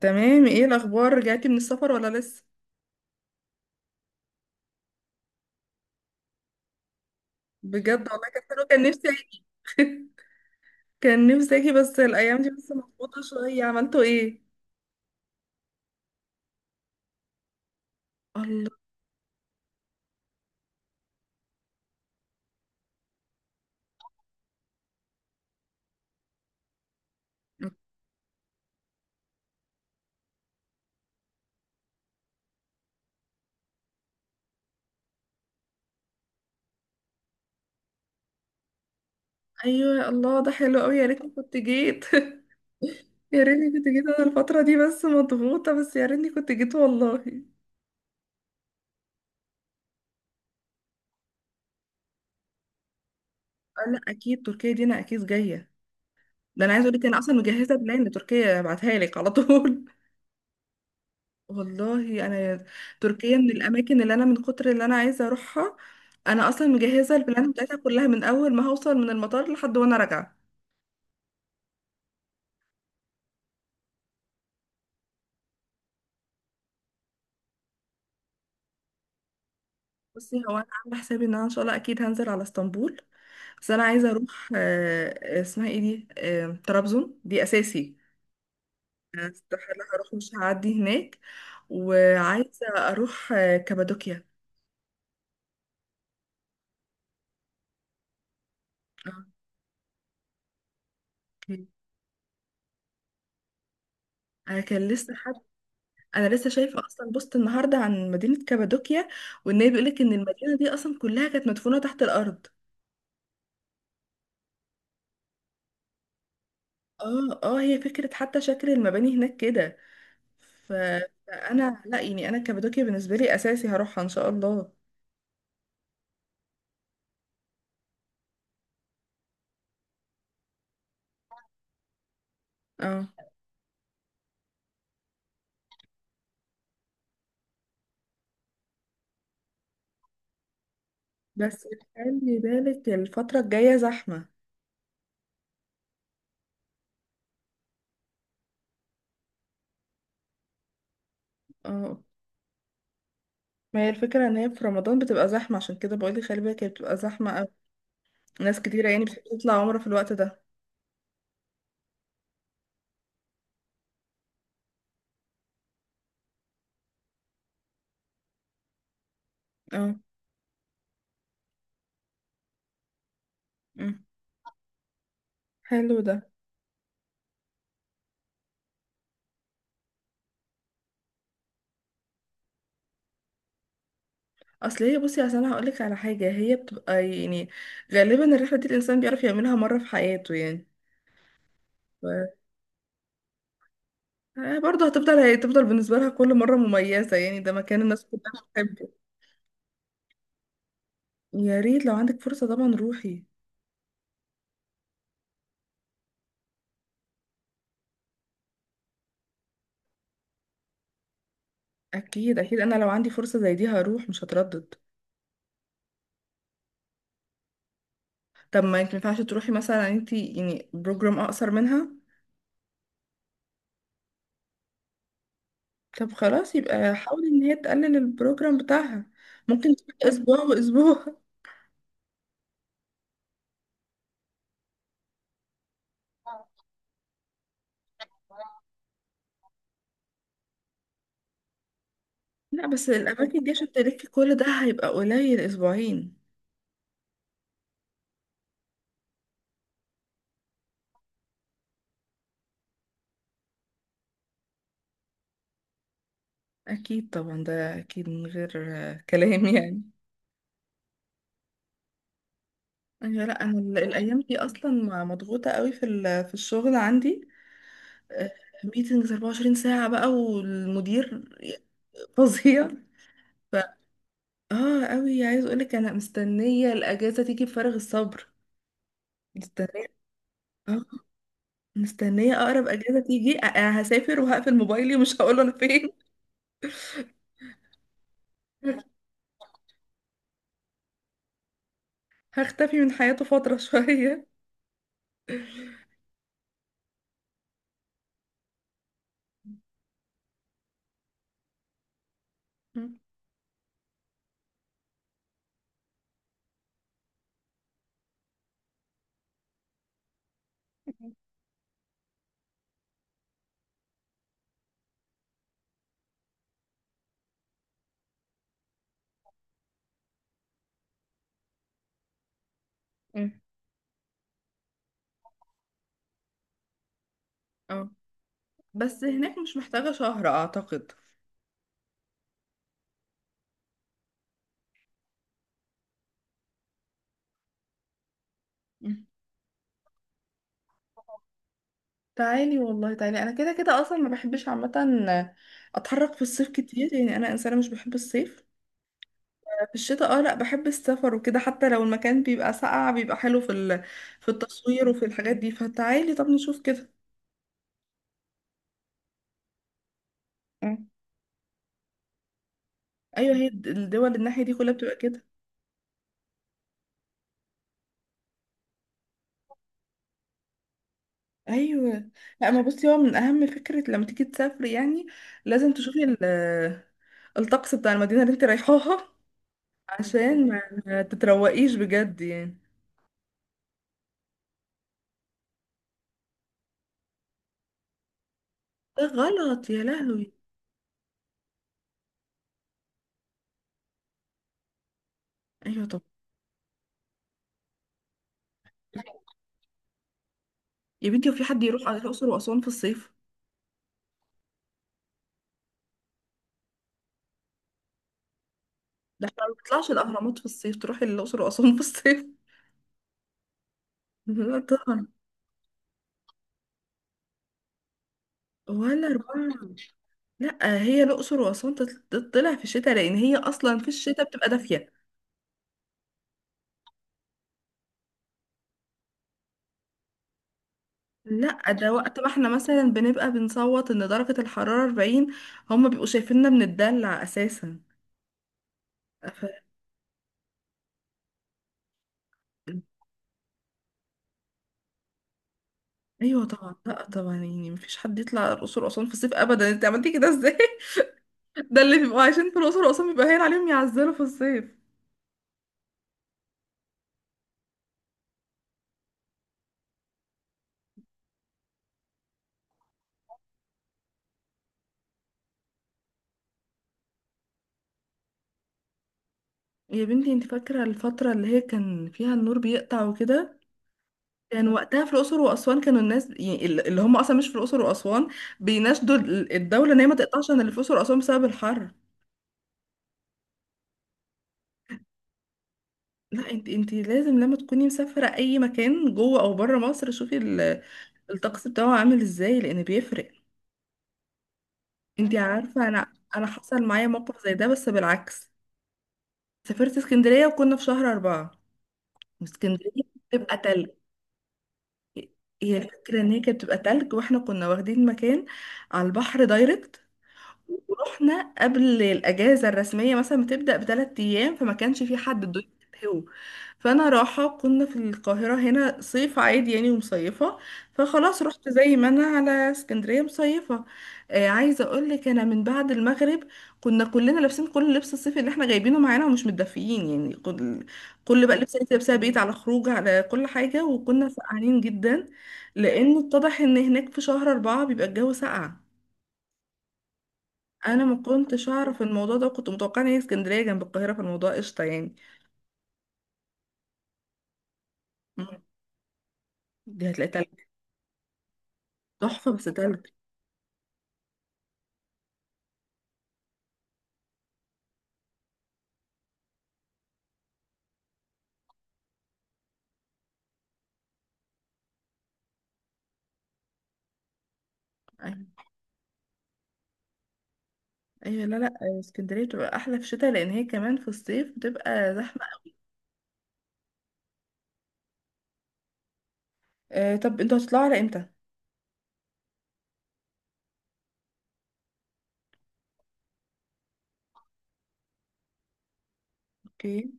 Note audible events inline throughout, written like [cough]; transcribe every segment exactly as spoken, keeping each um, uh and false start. تمام، ايه الاخبار؟ رجعتي من السفر ولا لسه؟ بجد والله كان حلو، كان نفسي اجي. [laughs] كان نفسي اجي بس الايام دي بس مضغوطه شويه. عملتوا ايه؟ الله. ايوه الله، ده حلو قوي، يا ريتني كنت جيت. [laughs] يا ريتني كنت جيت، انا الفتره دي بس مضغوطه، بس يا ريتني كنت جيت والله. آه لا، اكيد تركيا دي انا اكيد جايه، ده انا عايزه اقول لك انا اصلا مجهزه بلان لتركيا ابعتها لك على طول. والله انا تركيا من الاماكن اللي انا من كتر اللي انا عايزه اروحها، انا اصلا مجهزه البلان بتاعتها كلها من اول ما هوصل من المطار لحد وانا راجعه. بصي، هو انا عامله حسابي ان انا ان شاء الله اكيد هنزل على اسطنبول، بس انا عايزه اروح آه، آه، اسمها ايه دي؟ آه، طرابزون دي اساسي، استحاله هروح مش هعدي هناك. وعايزه اروح آه، كابادوكيا. اوكي. انا كان لسه حد، انا لسه شايفه اصلا بوست النهارده عن مدينه كابادوكيا، وان هي بيقولك ان المدينه دي اصلا كلها كانت مدفونه تحت الارض. اه اه، هي فكره حتى شكل المباني هناك كده. ف- فانا لا يعني، انا كابادوكيا بالنسبه لي اساسي هروحها ان شاء الله. اه، بس خلي بالك الفتره الجايه زحمه. اه، ما هي الفكره ان هي في رمضان بتبقى زحمه، عشان كده بقول لك خلي بالك هي بتبقى زحمه قوي، ناس كتيره يعني بتطلع عمره في الوقت ده. اه. أمم. حلو ده. اصل هي، بصي اصل انا هقولك على حاجه، هي بتبقى يعني غالبا الرحله دي الانسان بيعرف يعملها مره في حياته يعني. ف... آه، برضه هتفضل هتفضل بالنسبه لها كل مره مميزه يعني، ده مكان الناس كلها بتحبه. يا ريت لو عندك فرصه طبعا روحي. اكيد اكيد، انا لو عندي فرصه زي دي هروح مش هتردد. طب ما انت ينفعش تروحي مثلا انت يعني بروجرام اقصر منها؟ طب خلاص يبقى حاولي ان هي تقلل البروجرام بتاعها، ممكن تبقى اسبوع واسبوع. [laughs] لا بس الاماكن دي عشان تلفي كل ده هيبقى قليل اسبوعين. اكيد طبعا، ده اكيد من غير آه، كلام. [laughs] يعني أيوة، لا انا ال- الايام دي اصلا م- مضغوطه قوي في ال- في الشغل عندي، ميتنجز 24 ساعه بقى والمدير فظيع. ف اه قوي، عايز اقولك انا مستنيه الاجازه تيجي بفارغ الصبر، مستنيه، اه مستنيه. اقرب اجازه تيجي أ- أنا هسافر وهقفل موبايلي ومش هقول انا فين. [laughs] هختفي من حياته فتره شويه. [laughs] مم. اه بس هناك مش محتاجه شهر اعتقد. تعالي والله تعالي، انا كده كده اصلا ما بحبش عامه اتحرك في الصيف كتير، يعني انا انسانه مش بحب الصيف. في الشتاء اه، لا بحب السفر وكده، حتى لو المكان بيبقى ساقع بيبقى حلو في ال... في التصوير وفي الحاجات دي، فتعالي طب نشوف كده. مم. ايوه هي الد- الدول الناحيه دي كلها بتبقى كده. ايوه لا، ما بصي هو من اهم فكره لما تيجي تسافري يعني، لازم تشوفي ال... الطقس بتاع المدينه اللي انت رايحاها، عشان ما ما تتروقيش بجد يعني. ده غلط يا لهوي. ايوه طب. يا بنتي وفي حد يروح على الاقصر واسوان في الصيف؟ ده احنا ما بنطلعش الاهرامات في الصيف، تروحي الاقصر واسوان في الصيف؟ [laughs] لا طبعا. ولا ربع. لا هي الاقصر واسوان تت- تطلع في الشتاء لان هي اصلا في الشتاء بتبقى دافيه. لا، ده وقت ما احنا مثلا بنبقى بنصوت ان درجه الحراره أربعين، هم بيبقوا شايفيننا بنتدلع اساسا. ف... ايوه طبعا. لا طبعا يعني مفيش حد يطلع الاقصر واسوان في الصيف ابدا، انت عملتي كده ازاي؟ [laughs] ده اللي بيبقوا عايشين في الاقصر واسوان بيبقى هين عليهم يعزلوا في الصيف. يا بنتي انت فاكرة الفترة اللي هي كان فيها النور بيقطع وكده؟ كان وقتها في الأقصر وأسوان كانوا الناس يعني ال- اللي هم أصلا مش في الأقصر وأسوان بيناشدوا ال- الدولة إن هي ما تقطعش عن اللي في الأقصر وأسوان بسبب الحر. لا انت انت لازم لما تكوني مسافرة أي مكان جوه أو بره مصر شوفي ال- الطقس بتاعه عامل ازاي، لأن بيفرق. انت ايوه عندك، عارفة أنا أنا حصل معايا موقف زي ده بس بالعكس. سافرت اسكندرية وكنا في شهر أربعة، واسكندرية بتبقى تلج. هي الفكرة ان هي كانت بتبقى تلج واحنا كنا واخدين مكان على البحر دايركت، ورحنا قبل الاجازه الرسميه مثلا بتبدا بثلاث ايام، فما كانش في حد الدنيا هو. فانا راحه كنا في القاهره هنا صيف عادي يعني ومصيفه، فخلاص رحت زي ما انا على اسكندريه مصيفه. آه عايزه اقول لك انا من بعد المغرب كنا كلنا لابسين كل لبس الصيف اللي احنا جايبينه معانا ومش متدفيين، يعني كل كل بقى لبس انت لابسها بيت على خروج على كل حاجه، وكنا سقعانين جدا لانه اتضح ان هناك في شهر أربعة بيبقى الجو ساقع. انا ما كنتش اعرف الموضوع ده، كنت متوقعه ان هي اسكندريه جنب القاهره فالموضوع قشطه يعني. مم. دي هتلاقي تلج. تحفه بس تلج. ايوه أيوة، لا لا، اسكندريه بتبقى احلى في الشتاء لان هي كمان في الصيف بتبقى زحمه. آه طب انتوا هتطلعوا على امتى؟ اوكي.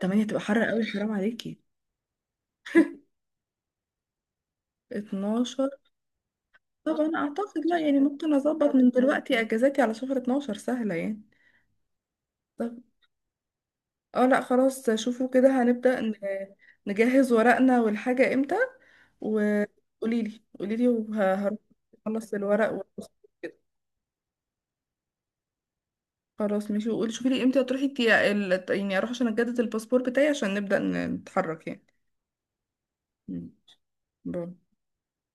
تمنية تبقى حر قوي حرام عليكي. اتناشر؟ طبعا اعتقد، لا يعني ممكن اظبط من دلوقتي اجازاتي على شهر اتناشر سهله يعني. اه لا خلاص، شوفوا كده، هنبدأ ن- نجهز ورقنا والحاجة امتى، وقولي لي قولي لي وهروح. اخلص الورق و- خلاص ماشي، وقولي شوفي لي امتى هتروحي تي- ال- يعني اروح عشان اجدد الباسبور بتاعي عشان نبدأ نتحرك يعني. مم. باي.